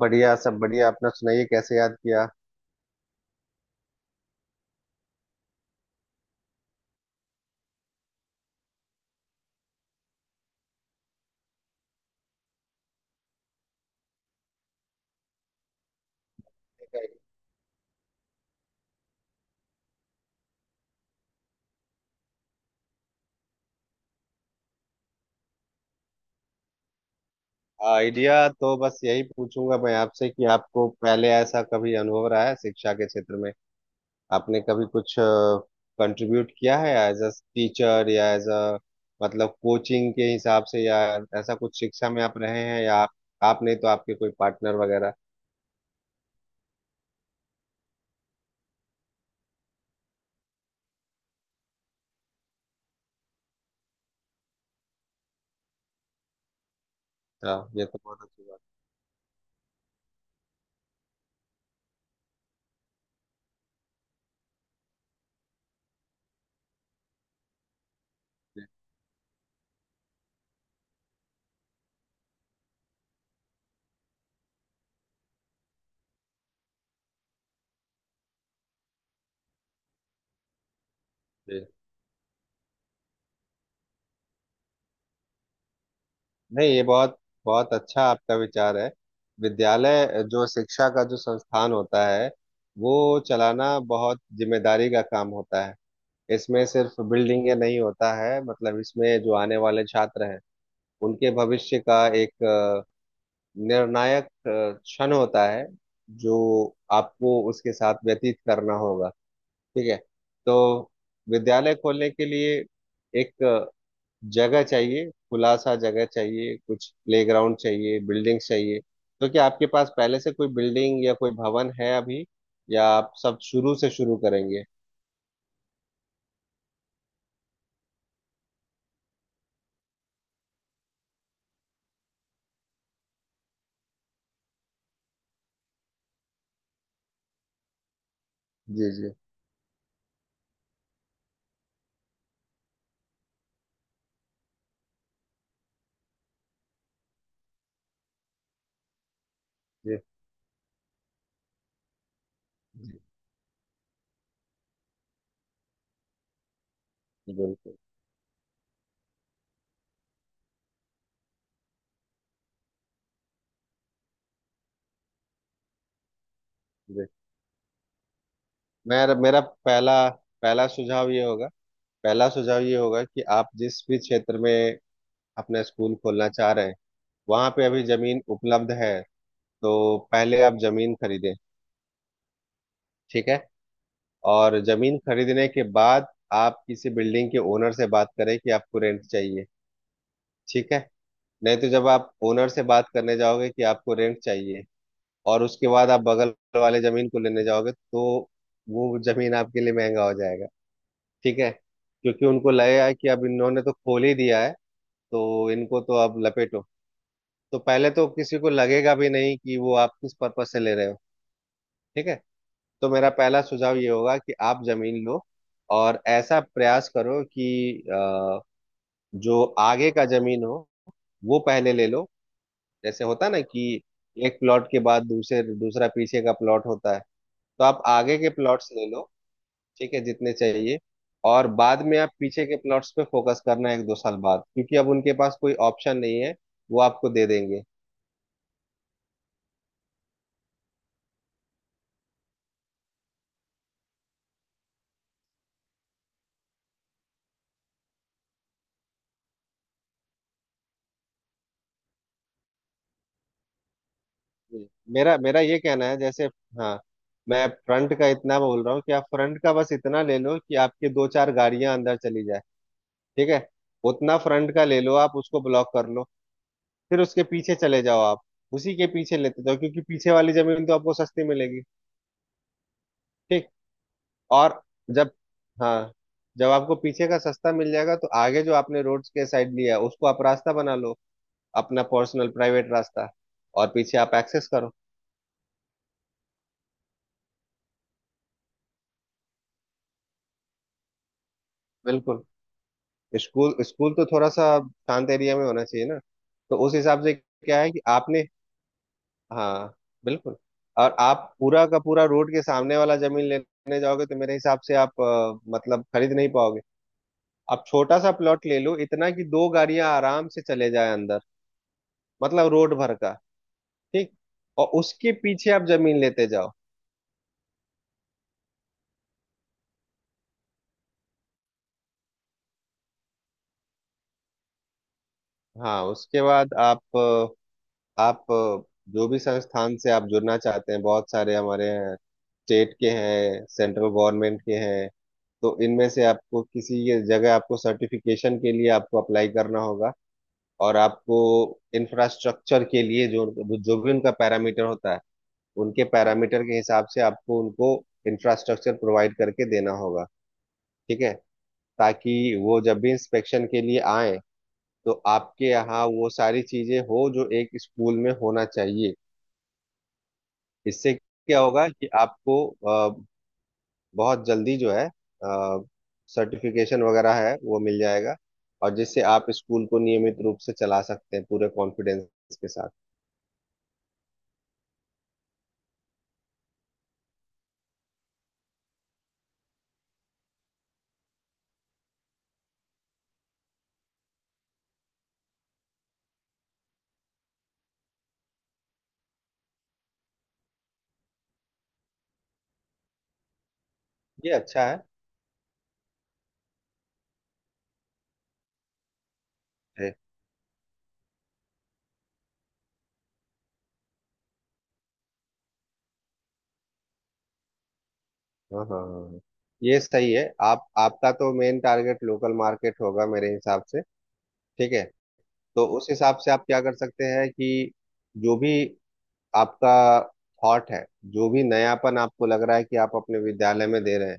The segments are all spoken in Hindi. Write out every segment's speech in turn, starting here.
बढ़िया। सब बढ़िया। अपना सुनाइए कैसे याद किया। आइडिया तो बस यही पूछूंगा मैं आपसे कि आपको पहले ऐसा कभी अनुभव रहा है शिक्षा के क्षेत्र में। आपने कभी कुछ कंट्रीब्यूट किया है एज अ टीचर या एज अ मतलब कोचिंग के हिसाब से या ऐसा कुछ शिक्षा में आप रहे हैं, या आप नहीं तो आपके कोई पार्टनर वगैरह। हाँ, ये तो बहुत अच्छी बात है। नहीं, ये बहुत बहुत अच्छा आपका विचार है। विद्यालय, जो शिक्षा का जो संस्थान होता है, वो चलाना बहुत जिम्मेदारी का काम होता है। इसमें सिर्फ बिल्डिंग नहीं होता है, मतलब इसमें जो आने वाले छात्र हैं उनके भविष्य का एक निर्णायक क्षण होता है जो आपको उसके साथ व्यतीत करना होगा। ठीक है। तो विद्यालय खोलने के लिए एक जगह चाहिए, खुला सा जगह चाहिए, कुछ प्लेग्राउंड चाहिए, बिल्डिंग चाहिए। तो क्या आपके पास पहले से कोई बिल्डिंग या कोई भवन है अभी, या आप सब शुरू से शुरू करेंगे। जी जी जी जी बिल्कुल जी। मेरा मेरा पहला पहला सुझाव ये होगा पहला सुझाव ये होगा कि आप जिस भी क्षेत्र में अपना स्कूल खोलना चाह रहे हैं वहां पे अभी जमीन उपलब्ध है, तो पहले आप जमीन खरीदें। ठीक है। और जमीन खरीदने के बाद आप किसी बिल्डिंग के ओनर से बात करें कि आपको रेंट चाहिए। ठीक है। नहीं तो जब आप ओनर से बात करने जाओगे कि आपको रेंट चाहिए और उसके बाद आप बगल वाले जमीन को लेने जाओगे तो वो जमीन आपके लिए महंगा हो जाएगा। ठीक है, क्योंकि उनको लगेगा कि अब इन्होंने तो खोल ही दिया है, तो इनको तो अब लपेटो। तो पहले तो किसी को लगेगा भी नहीं कि वो आप किस पर्पज से ले रहे हो। ठीक है। तो मेरा पहला सुझाव ये होगा कि आप जमीन लो, और ऐसा प्रयास करो कि अ, जो आगे का जमीन हो वो पहले ले लो। जैसे होता है ना कि एक प्लॉट के बाद दूसरे दूसरा पीछे का प्लॉट होता है, तो आप आगे के प्लॉट्स ले लो। ठीक है, जितने चाहिए। और बाद में आप पीछे के प्लॉट्स पे फोकस करना, एक दो साल बाद, क्योंकि अब उनके पास कोई ऑप्शन नहीं है, वो आपको दे देंगे। जी। मेरा मेरा ये कहना है, जैसे, हाँ, मैं फ्रंट का इतना बोल रहा हूँ कि आप फ्रंट का बस इतना ले लो कि आपके दो चार गाड़ियां अंदर चली जाए। ठीक है। उतना फ्रंट का ले लो, आप उसको ब्लॉक कर लो, फिर उसके पीछे चले जाओ आप। उसी के पीछे लेते जाओ, क्योंकि पीछे वाली जमीन तो आपको सस्ती मिलेगी। ठीक। और जब हाँ, जब आपको पीछे का सस्ता मिल जाएगा तो आगे जो आपने रोड के साइड लिया है उसको आप रास्ता बना लो, अपना पर्सनल प्राइवेट रास्ता, और पीछे आप एक्सेस करो। बिल्कुल। स्कूल स्कूल तो थोड़ा सा शांत एरिया में होना चाहिए ना। तो उस हिसाब से क्या है कि आपने, हाँ, बिल्कुल, और आप पूरा का पूरा रोड के सामने वाला जमीन लेने जाओगे तो मेरे हिसाब से आप मतलब खरीद नहीं पाओगे। आप छोटा सा प्लॉट ले लो, इतना कि दो गाड़ियां आराम से चले जाए अंदर, मतलब रोड भर का। ठीक। और उसके पीछे आप जमीन लेते जाओ। हाँ, उसके बाद आप जो भी संस्थान से आप जुड़ना चाहते हैं, बहुत सारे हमारे हैं, स्टेट के हैं, सेंट्रल गवर्नमेंट के हैं, तो इनमें से आपको किसी ये जगह आपको सर्टिफिकेशन के लिए आपको अप्लाई करना होगा। और आपको इंफ्रास्ट्रक्चर के लिए जो जो भी उनका पैरामीटर होता है उनके पैरामीटर के हिसाब से आपको उनको इंफ्रास्ट्रक्चर प्रोवाइड करके देना होगा। ठीक है। ताकि वो जब भी इंस्पेक्शन के लिए आए तो आपके यहाँ वो सारी चीजें हो जो एक स्कूल में होना चाहिए। इससे क्या होगा कि आपको बहुत जल्दी जो है सर्टिफिकेशन वगैरह है वो मिल जाएगा, और जिससे आप स्कूल को नियमित रूप से चला सकते हैं पूरे कॉन्फिडेंस के साथ। ये अच्छा है। है। हाँ हाँ हाँ हाँ। ये सही है। आप, आपका तो मेन टारगेट लोकल मार्केट होगा मेरे हिसाब से। ठीक है। तो उस हिसाब से आप क्या कर सकते हैं कि जो भी आपका थॉट है, जो भी नयापन आपको लग रहा है कि आप अपने विद्यालय में दे रहे हैं,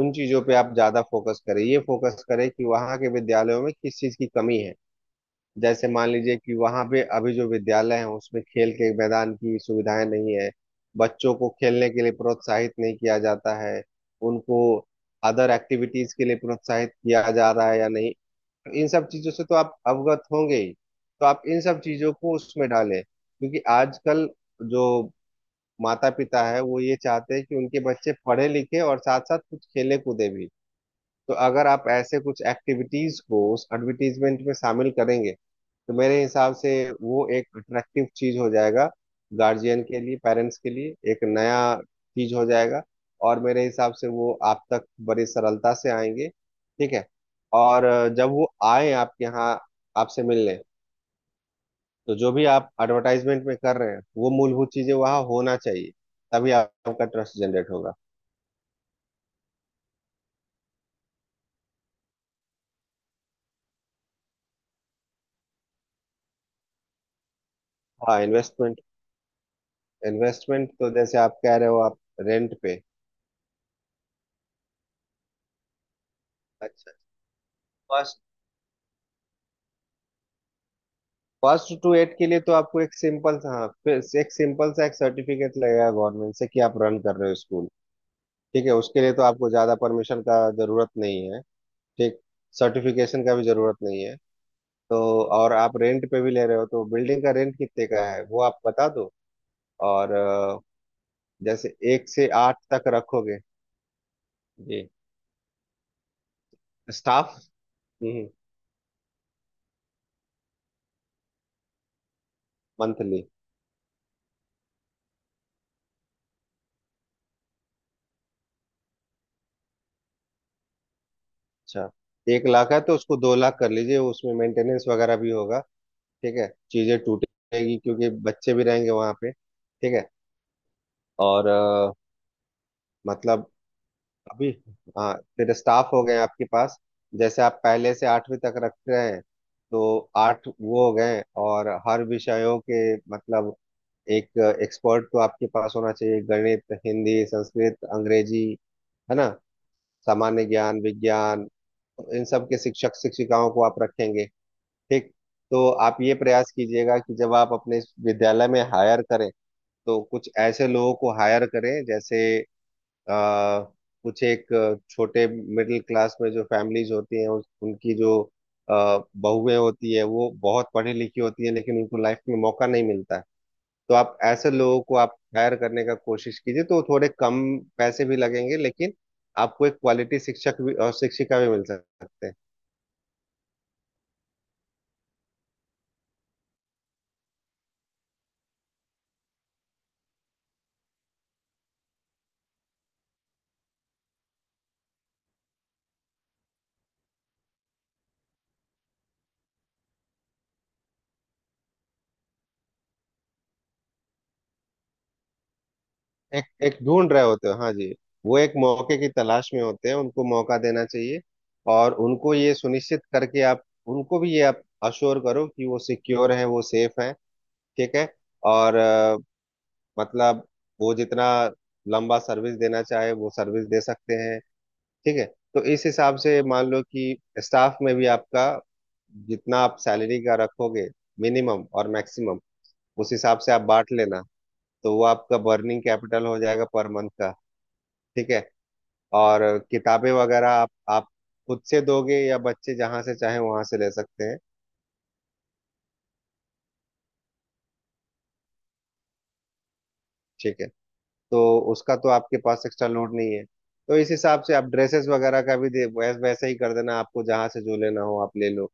उन चीजों पे आप ज्यादा फोकस करें। ये फोकस करें कि वहाँ के विद्यालयों में किस चीज की कमी है। जैसे मान लीजिए कि वहाँ पे अभी जो विद्यालय है उसमें खेल के मैदान की सुविधाएं नहीं है, बच्चों को खेलने के लिए प्रोत्साहित नहीं किया जाता है, उनको अदर एक्टिविटीज के लिए प्रोत्साहित किया जा रहा है या नहीं। इन सब चीजों से तो आप अवगत होंगे ही। तो आप इन सब चीजों को उसमें डालें, क्योंकि आजकल जो माता पिता है वो ये चाहते हैं कि उनके बच्चे पढ़े लिखे और साथ साथ कुछ खेले कूदे भी। तो अगर आप ऐसे कुछ एक्टिविटीज को उस एडवर्टीजमेंट में शामिल करेंगे तो मेरे हिसाब से वो एक अट्रैक्टिव चीज हो जाएगा, गार्जियन के लिए, पेरेंट्स के लिए एक नया चीज हो जाएगा, और मेरे हिसाब से वो आप तक बड़ी सरलता से आएंगे। ठीक है। और जब वो आए आपके यहाँ आपसे मिलने, तो जो भी आप एडवर्टाइजमेंट में कर रहे हैं वो मूलभूत चीजें वहाँ होना चाहिए, तभी आपका ट्रस्ट जनरेट होगा। हाँ, इन्वेस्टमेंट इन्वेस्टमेंट तो जैसे आप कह रहे हो, आप रेंट पे, अच्छा, फर्स्ट फर्स्ट टू एट के लिए तो आपको एक सिंपल सा, हाँ, फिर से एक सिंपल सा एक सर्टिफिकेट लगेगा गवर्नमेंट से कि आप रन कर रहे हो स्कूल। ठीक है, उसके लिए तो आपको ज़्यादा परमिशन का जरूरत नहीं है। ठीक। सर्टिफिकेशन का भी जरूरत नहीं है। तो, और आप रेंट पे भी ले रहे हो तो बिल्डिंग का रेंट कितने का है वो आप बता दो। और जैसे एक से आठ तक रखोगे। जी। Staff, monthly. अच्छा, एक लाख है तो उसको दो लाख कर लीजिए, उसमें मेंटेनेंस वगैरह भी होगा। ठीक है, चीजें टूटेगी क्योंकि बच्चे भी रहेंगे वहां पे। ठीक है। और मतलब अभी, हाँ, तेरे स्टाफ हो गए हैं आपके पास। जैसे आप पहले से आठवीं तक रख रहे हैं तो आठ वो हो गए। और हर विषयों के, मतलब एक एक्सपर्ट तो आपके पास होना चाहिए, गणित, हिंदी, संस्कृत, अंग्रेजी, है ना, सामान्य ज्ञान, विज्ञान, इन सब के शिक्षक शिक्षिकाओं को आप रखेंगे। ठीक। तो आप ये प्रयास कीजिएगा कि जब आप अपने विद्यालय में हायर करें, तो कुछ ऐसे लोगों को हायर करें जैसे आ, कुछ एक छोटे मिडिल क्लास में जो फैमिलीज होती हैं उनकी जो बहुएं होती है वो बहुत पढ़ी लिखी होती है लेकिन उनको लाइफ में मौका नहीं मिलता है। तो आप ऐसे लोगों को आप हायर करने का कोशिश कीजिए, तो थोड़े कम पैसे भी लगेंगे लेकिन आपको एक क्वालिटी शिक्षक भी और शिक्षिका भी मिल सकते हैं। एक एक ढूंढ रहे होते हो, हाँ जी। वो एक मौके की तलाश में होते हैं, उनको मौका देना चाहिए। और उनको ये सुनिश्चित करके आप उनको भी ये आप अश्योर करो कि वो सिक्योर है, वो सेफ है। ठीक है। और मतलब वो जितना लंबा सर्विस देना चाहे वो सर्विस दे सकते हैं। ठीक है। तो इस हिसाब से मान लो कि स्टाफ में भी आपका जितना आप सैलरी का रखोगे, मिनिमम और मैक्सिमम, उस हिसाब से आप बांट लेना, तो वो आपका बर्निंग कैपिटल हो जाएगा पर मंथ का। ठीक है। और किताबें वगैरह आप खुद से दोगे या बच्चे जहाँ से चाहे वहां से ले सकते हैं। ठीक है। तो उसका तो आपके पास एक्स्ट्रा लोड नहीं है। तो इस हिसाब से आप ड्रेसेस वगैरह का भी दे वैसे ही कर देना, आपको जहाँ से जो लेना हो आप ले लो।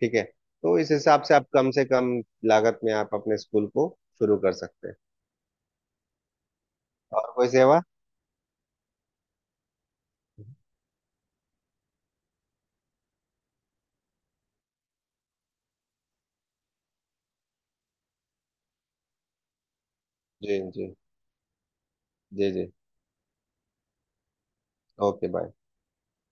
ठीक है। तो इस हिसाब से आप कम से कम लागत में आप अपने स्कूल को शुरू कर सकते हैं। और कोई सेवा। जी जी। जी जी। Okay, bye.